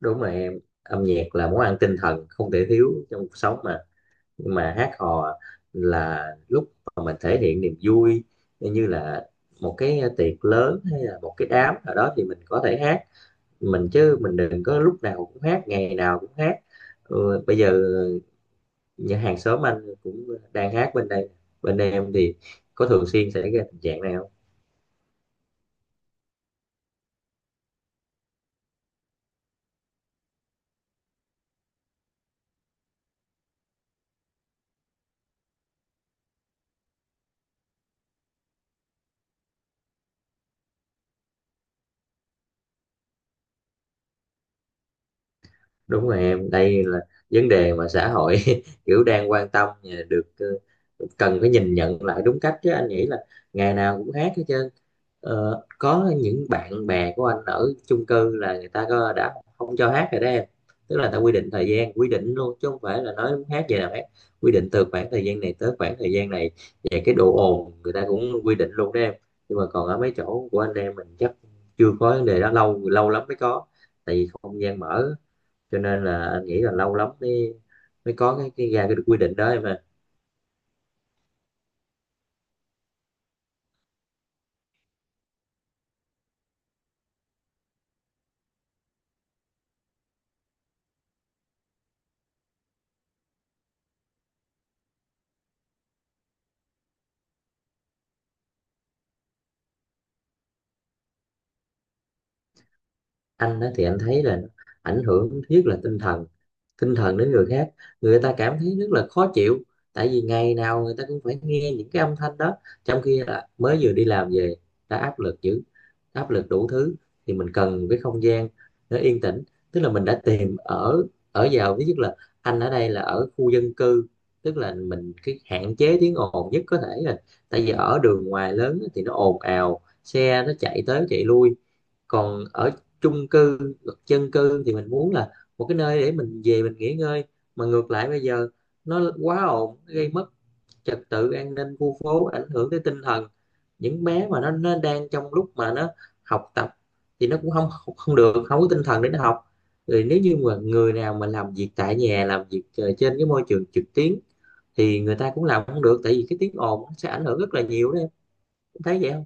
Đúng rồi em, âm nhạc là món ăn tinh thần không thể thiếu trong cuộc sống mà. Nhưng mà hát hò là lúc mà mình thể hiện niềm vui, như là một cái tiệc lớn hay là một cái đám nào đó thì mình có thể hát mình, chứ mình đừng có lúc nào cũng hát, ngày nào cũng hát. Ừ, bây giờ nhà hàng xóm anh cũng đang hát bên đây. Bên đây em thì có thường xuyên xảy ra tình trạng này không? Đúng rồi em, đây là vấn đề mà xã hội kiểu đang quan tâm, được, cần phải nhìn nhận lại đúng cách chứ anh nghĩ là ngày nào cũng hát hết trơn. Có những bạn bè của anh ở chung cư là người ta có đã không cho hát rồi đó em. Tức là người ta quy định thời gian, quy định luôn chứ không phải là nói muốn hát gì nào hát, quy định từ khoảng thời gian này tới khoảng thời gian này, và cái độ ồn người ta cũng quy định luôn đó em. Nhưng mà còn ở mấy chỗ của anh em mình chắc chưa có vấn đề đó, lâu lâu lắm mới có. Tại vì không gian mở cho nên là anh nghĩ là lâu lắm mới mới có cái ra cái quy định đó mà. Anh á thì anh thấy là nó ảnh hưởng thứ nhất là tinh thần, đến người khác, người ta cảm thấy rất là khó chịu. Tại vì ngày nào người ta cũng phải nghe những cái âm thanh đó, trong khi là mới vừa đi làm về đã áp lực dữ, áp lực đủ thứ, thì mình cần cái không gian nó yên tĩnh. Tức là mình đã tìm ở ở vào thứ nhất là anh ở đây là ở khu dân cư, tức là mình cái hạn chế tiếng ồn nhất có thể rồi. Tại vì ở đường ngoài lớn á thì nó ồn ào, xe nó chạy tới chạy lui, còn ở chung cư, dân cư thì mình muốn là một cái nơi để mình về mình nghỉ ngơi. Mà ngược lại bây giờ nó quá ồn, nó gây mất trật tự an ninh khu phố, ảnh hưởng tới tinh thần những bé mà nó đang trong lúc mà nó học tập, thì nó cũng không không được, không có tinh thần để nó học. Rồi nếu như mà người nào mà làm việc tại nhà, làm việc trên cái môi trường trực tuyến thì người ta cũng làm không được, tại vì cái tiếng ồn nó sẽ ảnh hưởng rất là nhiều đó em. Em thấy vậy không?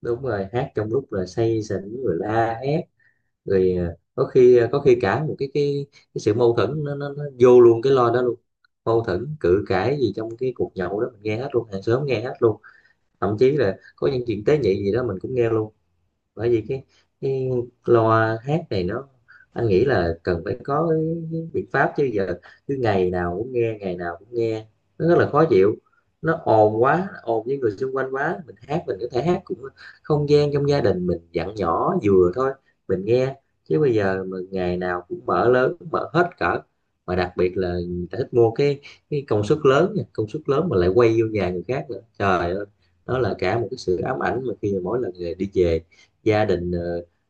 Đúng rồi, hát trong lúc là say sỉnh rồi la hét rồi, có khi cả một cái sự mâu thuẫn nó vô luôn cái lo đó luôn. Mâu thuẫn cự cãi gì trong cái cuộc nhậu đó mình nghe hết luôn, hàng xóm nghe hết luôn, thậm chí là có những chuyện tế nhị gì đó mình cũng nghe luôn. Bởi vì cái loa hát này nó, anh nghĩ là cần phải có cái biện pháp chứ giờ cứ ngày nào cũng nghe, ngày nào cũng nghe nó rất là khó chịu. Nó ồn, quá ồn với người xung quanh quá, mình hát mình có thể hát cũng không gian trong gia đình mình, dặn nhỏ vừa thôi mình nghe, chứ bây giờ mà ngày nào cũng mở lớn, mở hết cỡ. Mà đặc biệt là người ta thích mua cái công suất lớn nha, công suất lớn mà lại quay vô nhà người khác nữa, trời ơi. Đó là cả một cái sự ám ảnh, mà khi mà mỗi lần người đi về gia đình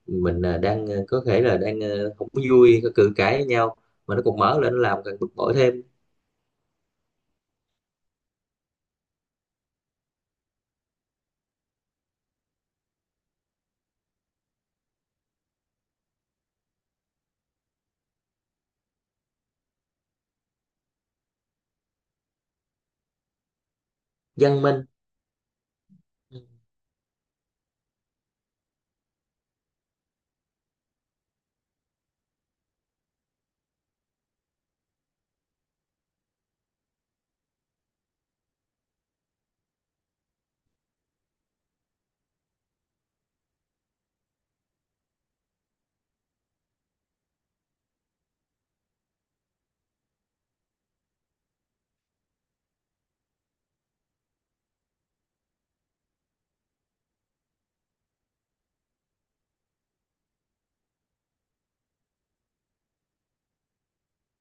mình đang có thể là đang không có vui, có cự cãi với nhau mà nó còn mở lên nó làm càng bực bội thêm. Văn minh. Ừ.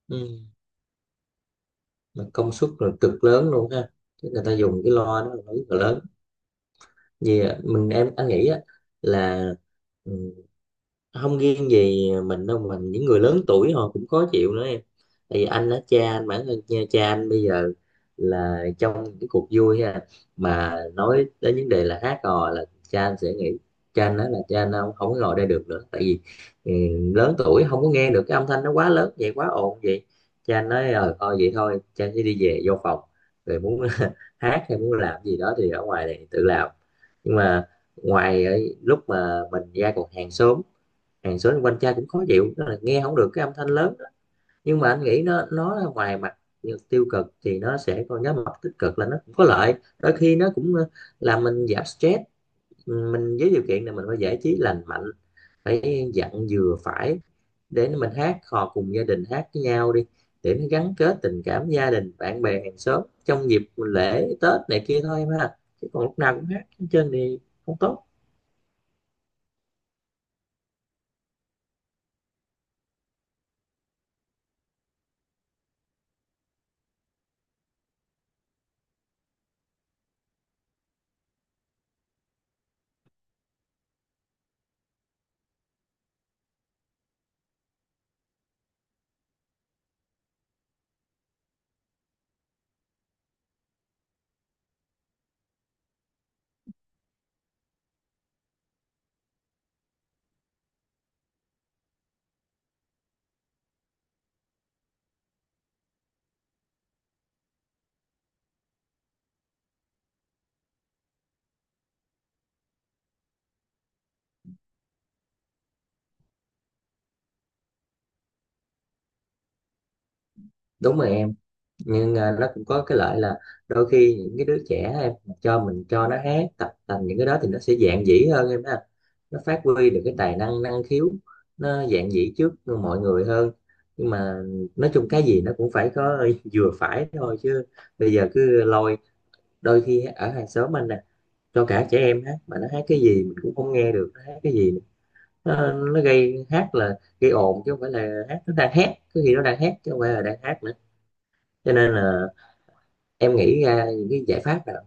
Ừ. Mà công suất là cực lớn luôn ha. Chứ người ta dùng cái loa đó là nó rất là lớn, vì mình em anh nghĩ á, là ừ, không riêng gì mình đâu, mình những người lớn tuổi họ cũng khó chịu nữa em. Tại vì anh á, cha anh, bản thân cha anh bây giờ là trong những cuộc vui ha, mà nói đến vấn đề là hát hò là cha anh sẽ nghĩ, cha anh nói là cha anh không không có ngồi đây được nữa. Tại vì ừ, lớn tuổi không có nghe được cái âm thanh nó quá lớn vậy, quá ồn vậy. Cha anh nói thôi vậy thôi cha sẽ đi về vô phòng, rồi muốn hát hay muốn làm gì đó thì ở ngoài này tự làm. Nhưng mà ngoài ấy, lúc mà mình ra còn hàng xóm, hàng xóm quanh cha cũng khó chịu đó, là nghe không được cái âm thanh lớn đó. Nhưng mà anh nghĩ nó ngoài mặt tiêu cực thì nó sẽ có nhóm mặt tích cực là nó cũng có lợi, đôi khi nó cũng làm mình giảm stress mình, với điều kiện là mình phải giải trí lành mạnh, phải dặn vừa phải, để mình hát hò cùng gia đình, hát với nhau đi, để nó gắn kết tình cảm gia đình, bạn bè, hàng xóm trong dịp lễ Tết này kia thôi em ha, chứ còn lúc nào cũng hát trên thì không tốt. Đúng rồi em, nhưng nó cũng có cái lợi là đôi khi những cái đứa trẻ em, cho mình cho nó hát tập tành những cái đó thì nó sẽ dạn dĩ hơn em ha, nó phát huy được cái tài năng, năng khiếu, nó dạn dĩ trước mọi người hơn. Nhưng mà nói chung cái gì nó cũng phải có vừa phải thôi chứ, bây giờ cứ lôi, đôi khi ở hàng xóm anh nè, cho cả trẻ em hát mà nó hát cái gì mình cũng không nghe được nó hát cái gì, nó gây hát là gây ồn chứ không phải là hát, nó đang hát có khi nó đang hát chứ không phải là đang hát nữa. Cho nên là em nghĩ ra những cái giải pháp nào?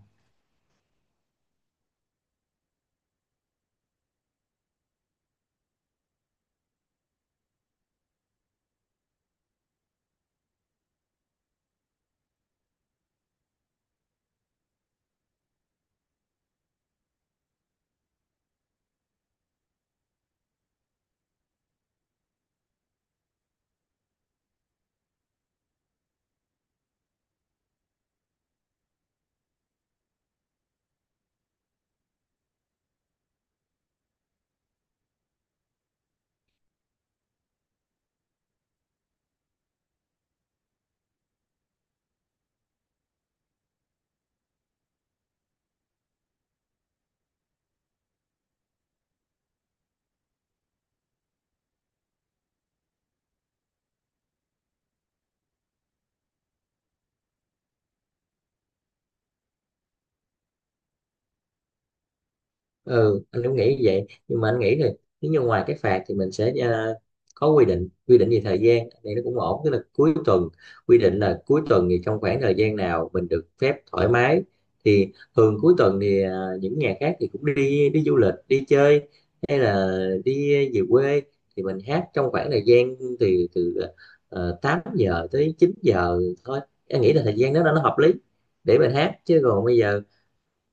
Ừ, anh cũng nghĩ như vậy, nhưng mà anh nghĩ thì nếu như ngoài cái phạt thì mình sẽ có quy định, quy định về thời gian này nó cũng ổn, tức là cuối tuần, quy định là cuối tuần thì trong khoảng thời gian nào mình được phép thoải mái. Thì thường cuối tuần thì những nhà khác thì cũng đi đi du lịch, đi chơi, hay là đi về quê, thì mình hát trong khoảng thời gian từ từ 8 giờ tới 9 giờ thôi, em nghĩ là thời gian đó nó hợp lý để mình hát. Chứ còn bây giờ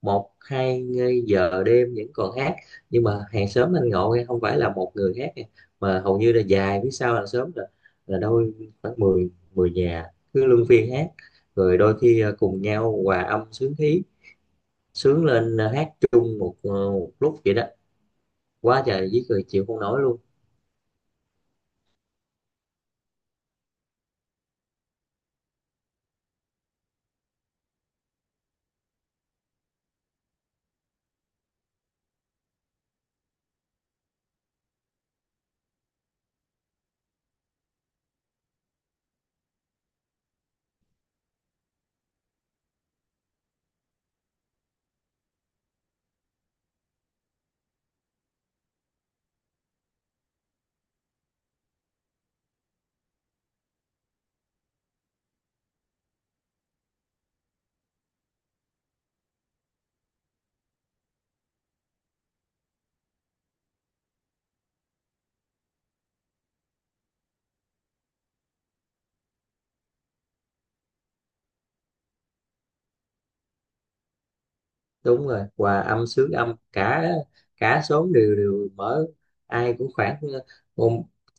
một hai giờ đêm vẫn còn hát. Nhưng mà hàng xóm anh ngộ nghe, không phải là một người hát nghe, mà hầu như là dài phía sau hàng xóm là đôi khoảng 10 10 nhà cứ luân phiên hát. Rồi đôi khi cùng nhau hòa âm sướng khí, sướng lên, hát chung một lúc vậy đó, quá trời với cười chịu không nổi luôn. Đúng rồi, hòa âm sướng âm, cả cả xóm đều đều mở, ai cũng khoảng ờ,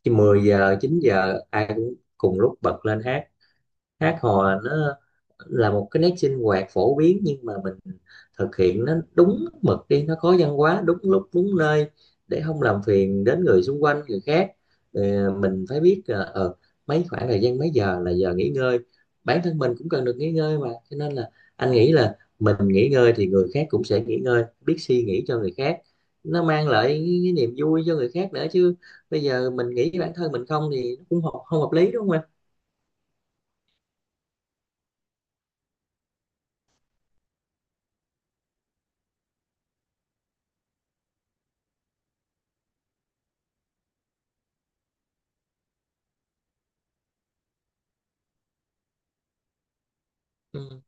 10 giờ 9 giờ ai cũng cùng lúc bật lên hát. Hát hò là nó là một cái nét sinh hoạt phổ biến, nhưng mà mình thực hiện nó đúng mực đi, nó có văn hóa, đúng lúc đúng nơi để không làm phiền đến người xung quanh, người khác. Mình phải biết là mấy khoảng thời gian mấy giờ là giờ nghỉ ngơi. Bản thân mình cũng cần được nghỉ ngơi mà, cho nên là anh nghĩ là mình nghỉ ngơi thì người khác cũng sẽ nghỉ ngơi, biết suy nghĩ cho người khác, nó mang lại cái niềm vui cho người khác nữa chứ. Bây giờ mình nghĩ bản thân mình không thì nó cũng không hợp lý đúng không anh? Ừ.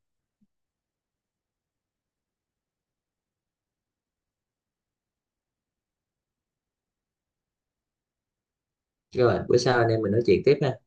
Rồi, bữa sau anh em mình nói chuyện tiếp ha.